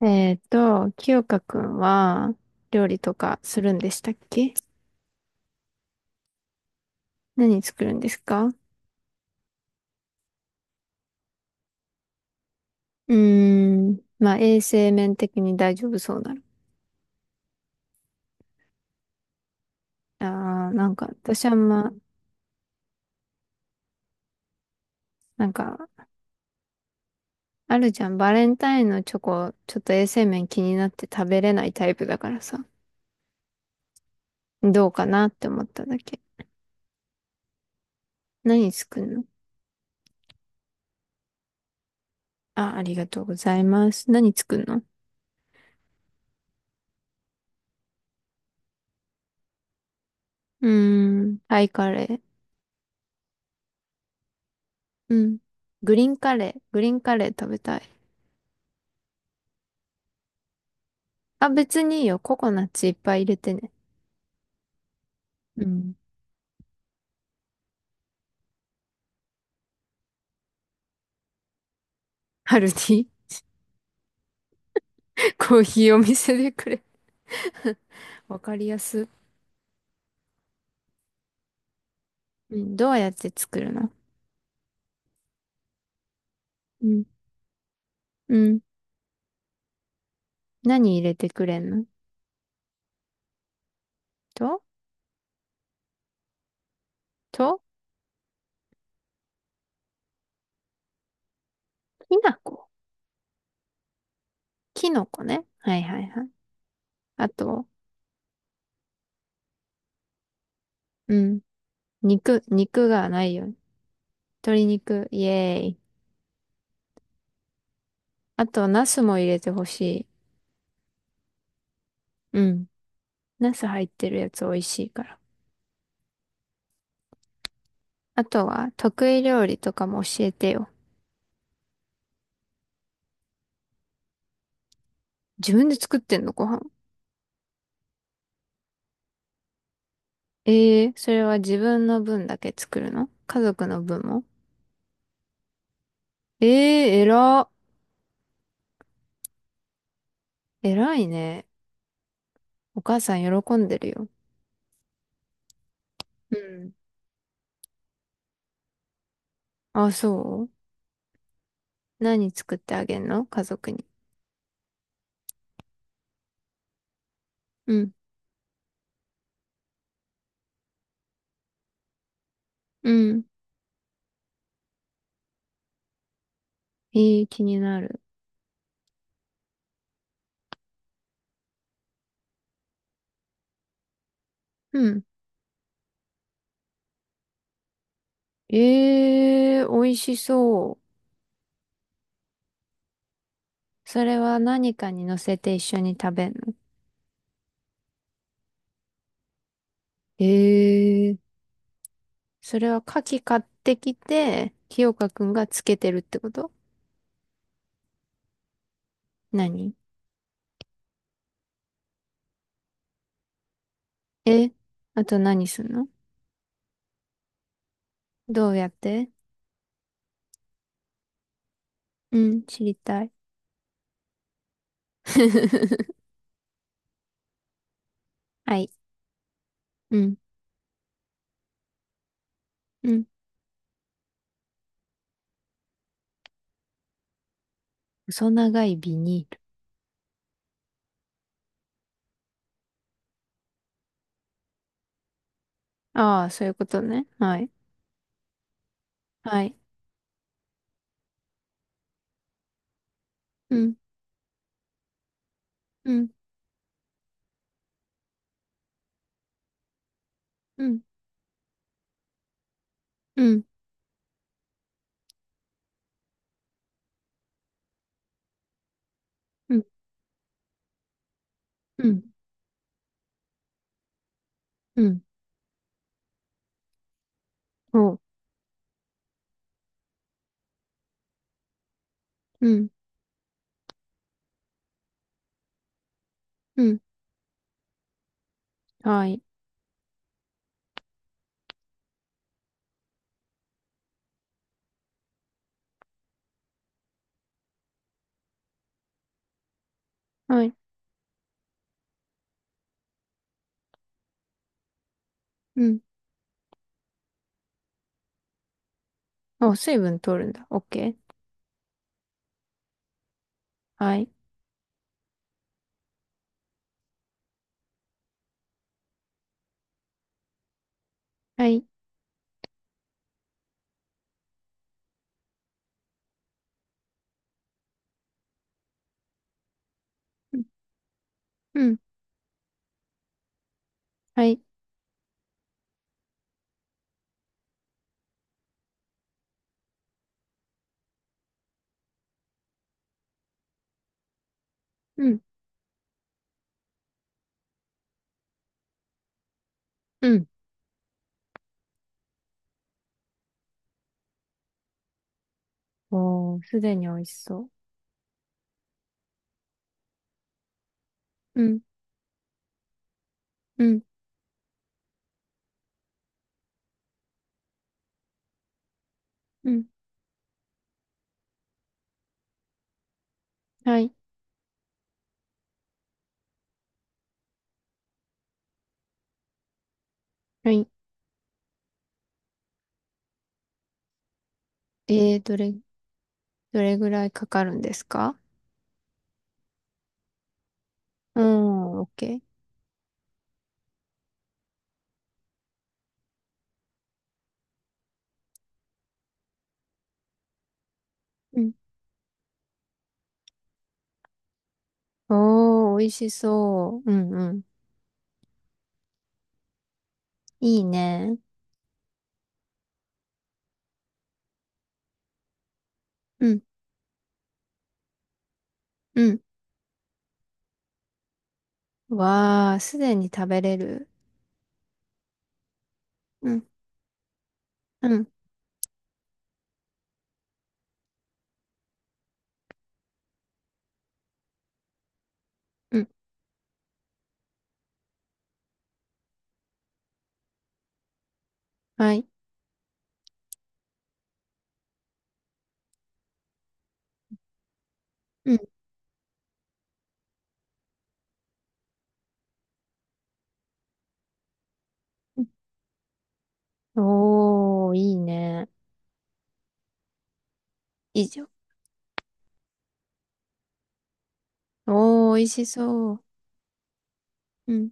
清香くんは料理とかするんでしたっけ？何作るんですか？うーん、まあ衛生面的に大丈夫そうなの。あー、なんか私あんま、なんかあるじゃん、バレンタインのチョコ、ちょっと衛生面気になって食べれないタイプだからさ、どうかなって思っただけ。何作るの？あ、ありがとうございます。何作るの？うーん、タイカレー。うん。グリーンカレー、グリーンカレー食べたい。あ、別にいいよ。ココナッツいっぱい入れてね。うん。ハルティ。 コーヒーお店でくれ。わかりやす。うん。どうやって作るの？うん。うん。何入れてくれんの？と、と、きなこ。きのこね。はいはいはい。あと、うん。肉がないように。鶏肉、イエーイ。あと、ナスも入れてほしい。うん。ナス入ってるやつ美味しいから。あとは、得意料理とかも教えてよ。自分で作ってんの、ご飯？えー、それは自分の分だけ作るの？家族の分も？えー、えら。えらいね。お母さん喜んでるよ。うん。あ、そう？何作ってあげんの、家族に？うん。うん。えー、気になる。うん。えー、美味しそう。それは何かに乗せて一緒に食べんの？えー、それは牡蠣買ってきて、清香くんがつけてるってこと？何？え、あと何すんの？どうやって？うん、知りたい。はい。うん。うん。細長いビニール。ああ、そういうことね。はい。はい。うん、うん、うん、うん、うん、うん、うん。おう、うん、うん。はい。はい。うん。お、水分取るんだ。オッケー。はい。はい。うん、うん。はい。うん、うん。おー、すでに美味しそう。うん、うん、うん。はい。はい。えー、どれ、どれぐらいかかるんですか？うん、オッケー。おー、美味しそう。うんうん。いいね。うん、うん。わー、すでに食べれる。うん、うん、うん。はい。うん。うん。おー、いいね。以上。おー、美味しそう。うん。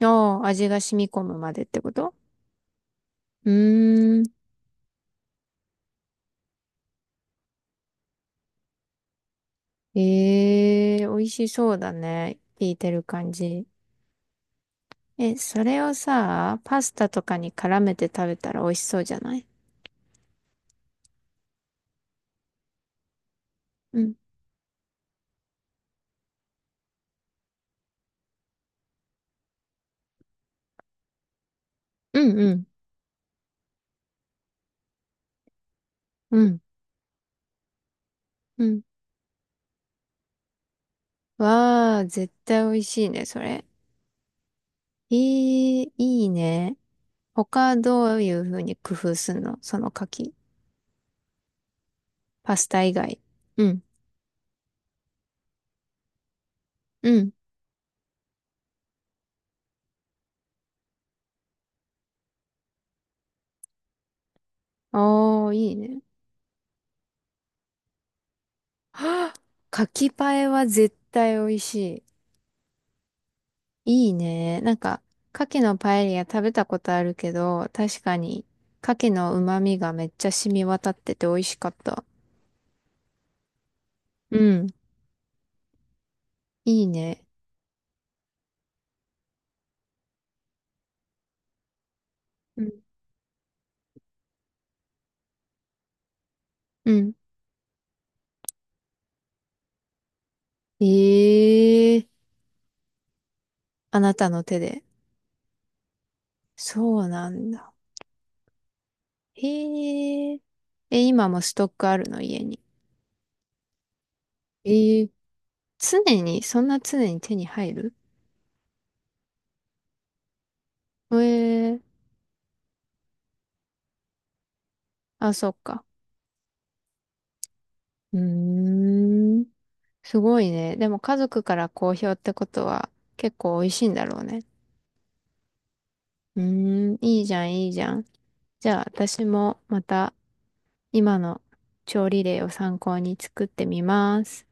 おー、味が染み込むまでってこと？うーん。えー、美味しそうだね。聞いてる感じ。え、それをさ、パスタとかに絡めて食べたら美味しそうじゃない？うん。うんうん。うん。うん。わあ、絶対美味しいね、それ。えー、いいね。他どういう風に工夫すんの、その柿。パスタ以外。うん、うん。おー、いいね。はぁ、柿パエは絶対美味しい。いいね。なんか、牡蠣のパエリア食べたことあるけど、確かに、牡蠣の旨味がめっちゃ染み渡ってて美味しかった。うん、いいね。うん。うん。ええー、あなたの手で。そうなんだ。へえ。え、今もストックあるの、家に？ええ。常に、そんな常に手に入る？ええ。あ、そっか。うーん。すごいね。でも家族から好評ってことは、結構美味しいんだろうね。うーん。いいじゃん、いいじゃん。じゃあ私もまた、今の調理例を参考に作ってみます。